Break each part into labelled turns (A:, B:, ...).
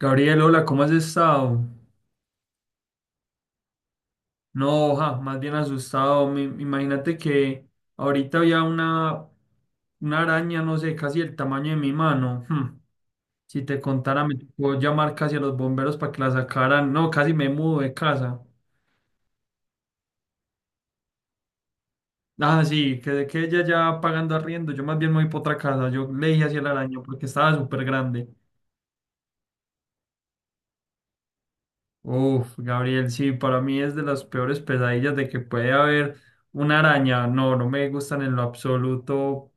A: Gabriel, hola, ¿cómo has estado? No, oja, más bien asustado. Imagínate que ahorita había una araña, no sé, casi el tamaño de mi mano. Si te contara, me puedo llamar casi a los bomberos para que la sacaran. No, casi me mudo de casa. Ah, sí, que de que ella ya pagando arriendo, yo más bien me voy para otra casa. Yo le dije hacia el araño porque estaba súper grande. Uf, Gabriel, sí, para mí es de las peores pesadillas de que puede haber una araña. No, no me gustan en lo absoluto.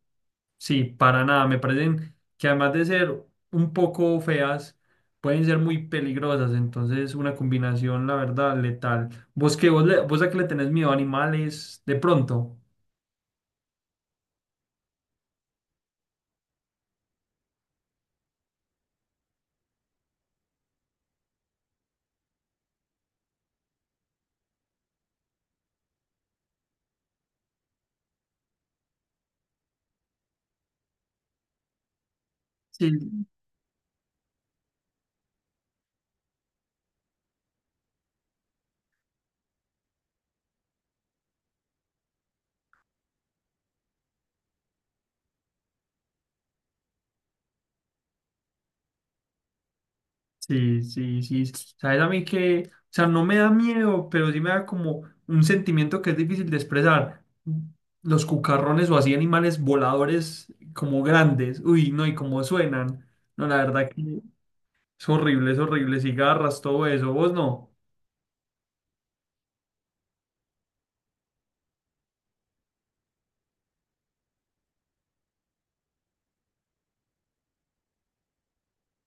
A: Sí, para nada. Me parecen que además de ser un poco feas, pueden ser muy peligrosas. Entonces, una combinación, la verdad, letal. ¿Vos qué? ¿Vos, vos a qué le tenés miedo? ¿Animales? De pronto. Sí, sí, sí, sí. Sabes a mí que, o sea, no me da miedo, pero sí me da como un sentimiento que es difícil de expresar. Los cucarrones o así animales voladores como grandes. Uy, no, y cómo suenan. No, la verdad que es horrible, es horrible. Cigarras, todo eso. ¿Vos no?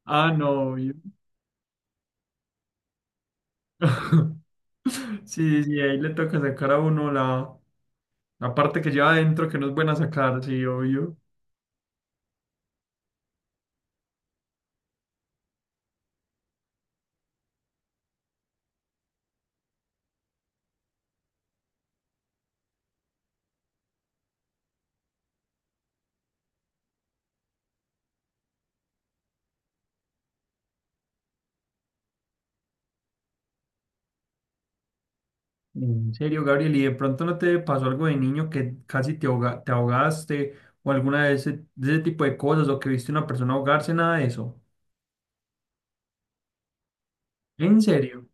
A: Ah, no. Obvio. Sí, sí, ahí le toca sacar a uno la parte que lleva adentro que no es buena sacar, sí, obvio. En serio, Gabriel, ¿y de pronto no te pasó algo de niño que casi te ahogaste o alguna de de ese tipo de cosas o que viste a una persona ahogarse, nada de eso? ¿En serio?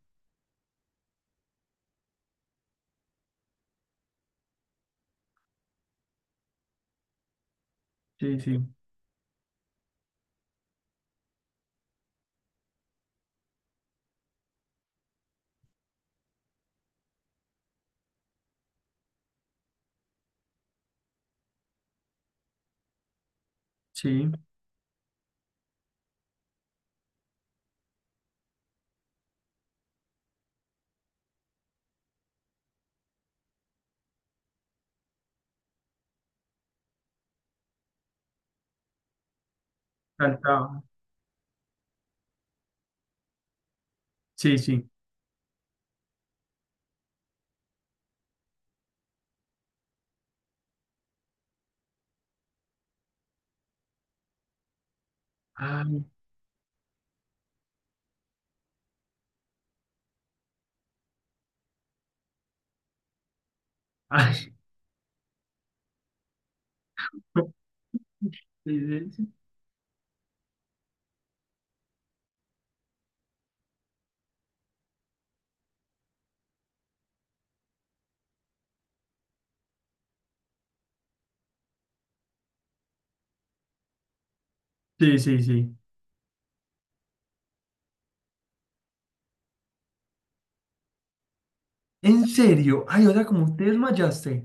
A: Sí, sí, sí, saltaba. Sí, sí. Ay, ay. Sí, sí, sí. Sí, sí, sí. ¿En serio? Ay, o sea, como te desmayaste.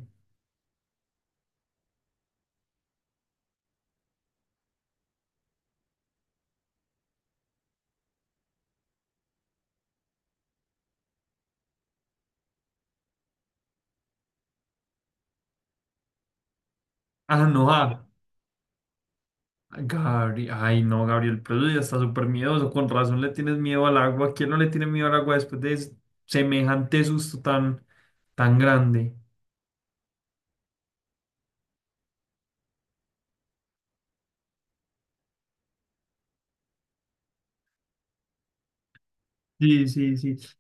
A: Ah, no, ah. Gabriel, ay no, Gabriel, pero eso ya está súper miedoso, con razón le tienes miedo al agua. ¿Quién no le tiene miedo al agua después de semejante susto tan, tan grande? Sí, sí, sí.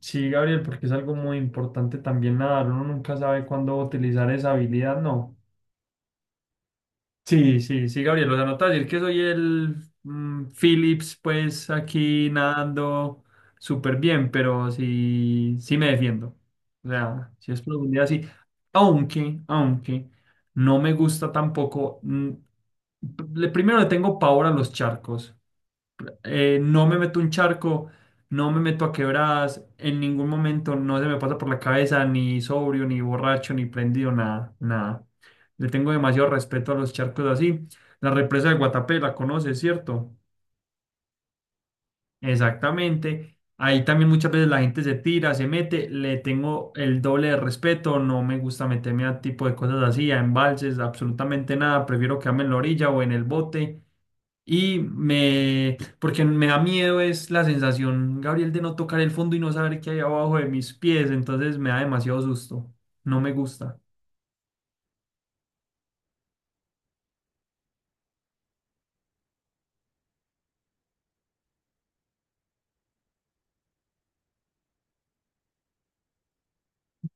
A: Sí, Gabriel, porque es algo muy importante también nadar. Uno nunca sabe cuándo utilizar esa habilidad, ¿no? Sí, sí, sí, Gabriel, lo anotas decir que soy el Phillips, pues aquí nadando súper bien, pero sí, sí me defiendo. O sea, si es profundidad, sí. Aunque, aunque no me gusta tampoco. Primero le tengo pavor a los charcos, no me meto un charco, no me meto a quebradas, en ningún momento no se me pasa por la cabeza ni sobrio, ni borracho, ni prendido, nada, nada. Le tengo demasiado respeto a los charcos así. La represa de Guatapé la conoces, ¿cierto? Exactamente. Ahí también muchas veces la gente se tira, se mete, le tengo el doble de respeto, no me gusta meterme a tipo de cosas así, a embalses, absolutamente nada, prefiero quedarme en la orilla o en el bote. Y me, porque me da miedo es la sensación, Gabriel, de no tocar el fondo y no saber qué hay abajo de mis pies, entonces me da demasiado susto, no me gusta.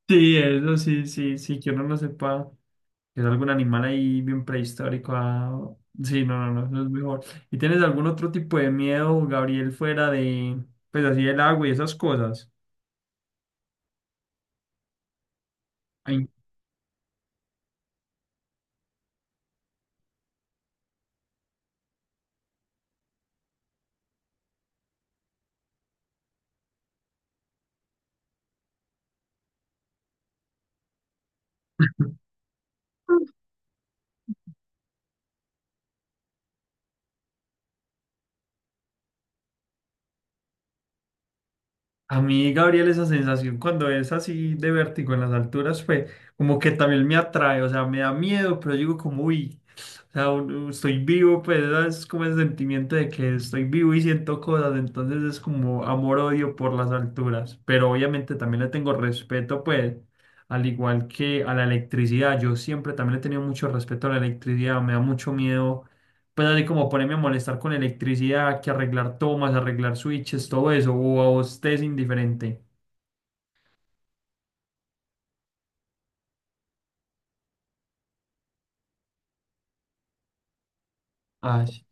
A: Sí, eso sí, sí, sí, que uno no sepa. Es algún animal ahí bien prehistórico. Sí, no, no, no, eso es mejor. ¿Y tienes algún otro tipo de miedo, Gabriel, fuera de, pues así, el agua y esas cosas? Ay. A mí, Gabriel, esa sensación cuando es así de vértigo en las alturas, pues como que también me atrae, o sea, me da miedo, pero digo como, uy, o sea, estoy vivo, pues es como el sentimiento de que estoy vivo y siento cosas, entonces es como amor-odio por las alturas, pero obviamente también le tengo respeto, pues, al igual que a la electricidad, yo siempre también le he tenido mucho respeto a la electricidad, me da mucho miedo pues así como ponerme a molestar con electricidad, que arreglar tomas, arreglar switches, todo eso, o a vos te es indiferente. Así,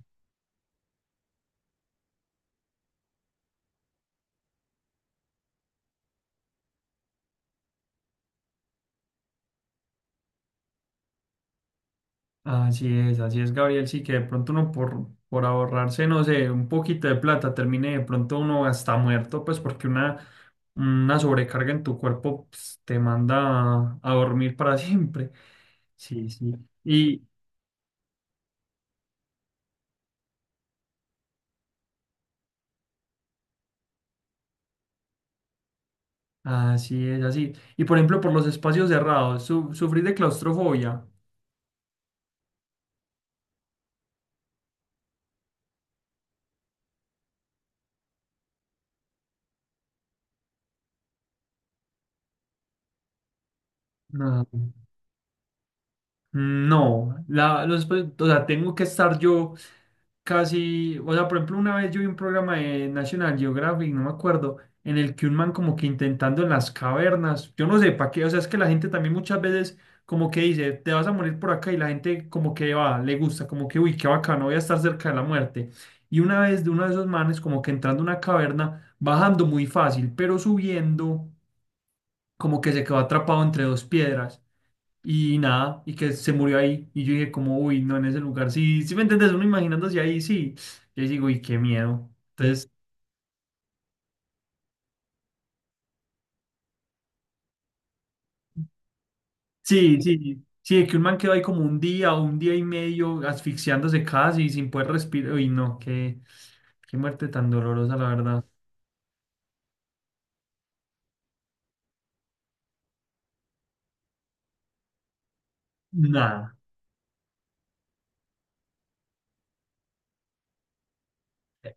A: así es, Gabriel. Sí, que de pronto uno por ahorrarse, no sé, un poquito de plata, termine de pronto uno hasta muerto, pues porque una sobrecarga en tu cuerpo pues, te manda a dormir para siempre. Sí, sí. Y así es, así. Y por ejemplo, por los espacios cerrados, ¿sufrís de claustrofobia? No. No, pues, o sea, tengo que estar yo casi, o sea, por ejemplo, una vez yo vi un programa de National Geographic, no me acuerdo, en el que un man como que intentando en las cavernas, yo no sé para qué, o sea, es que la gente también muchas veces como que dice, te vas a morir por acá y la gente como que va, le gusta, como que, uy, qué bacano, voy a estar cerca de la muerte. Y una vez de uno de esos manes como que entrando a una caverna, bajando muy fácil, pero subiendo como que se quedó atrapado entre dos piedras y nada, y que se murió ahí. Y yo dije como, uy, no, en ese lugar, sí, sí me entiendes, uno imaginándose ahí, sí. Y ahí digo, uy, qué miedo. Entonces, sí, sí, sí, de que un man quedó ahí como un día o un día y medio asfixiándose casi sin poder respirar. Uy, no, qué, qué muerte tan dolorosa, la verdad. Nada,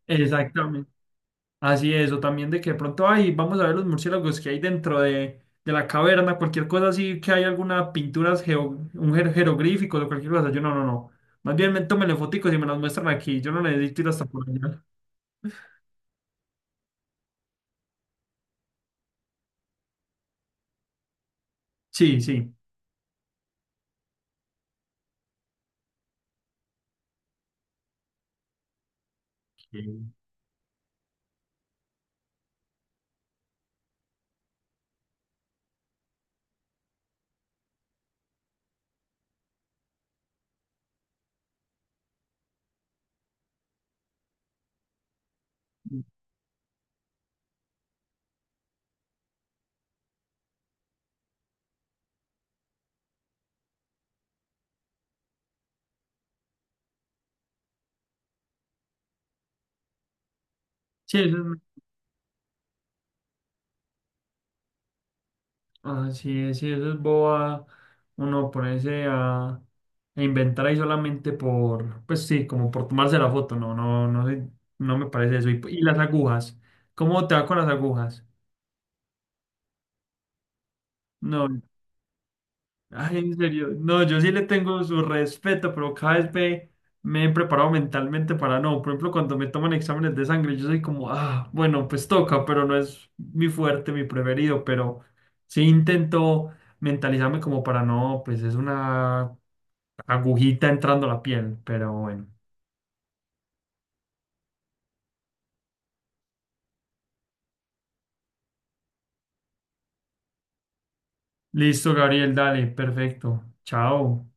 A: exactamente. Así es, o también de que de pronto, ay, vamos a ver los murciélagos que hay dentro de la caverna, cualquier cosa así, que hay alguna pintura, jeroglífico o cualquier cosa. Yo no, no, no. Más bien, me, tómenle foticos y me las muestran aquí. Yo no necesito ir hasta por allá. Sí, sí. Ok. Sí, eso es, ah, sí, sí, eso es boba. Uno ponerse a inventar ahí solamente por, pues sí, como por tomarse la foto. No, no, no, sé, no me parece eso. Y las agujas. ¿Cómo te va con las agujas? No. Ay, en serio, no, yo sí le tengo su respeto, pero cada vez me, me he preparado mentalmente para no. Por ejemplo, cuando me toman exámenes de sangre, yo soy como, ah, bueno, pues toca, pero no es mi fuerte, mi preferido, pero sí intento mentalizarme como para no, pues es una agujita entrando a la piel, pero bueno. Listo, Gabriel, dale, perfecto. Chao.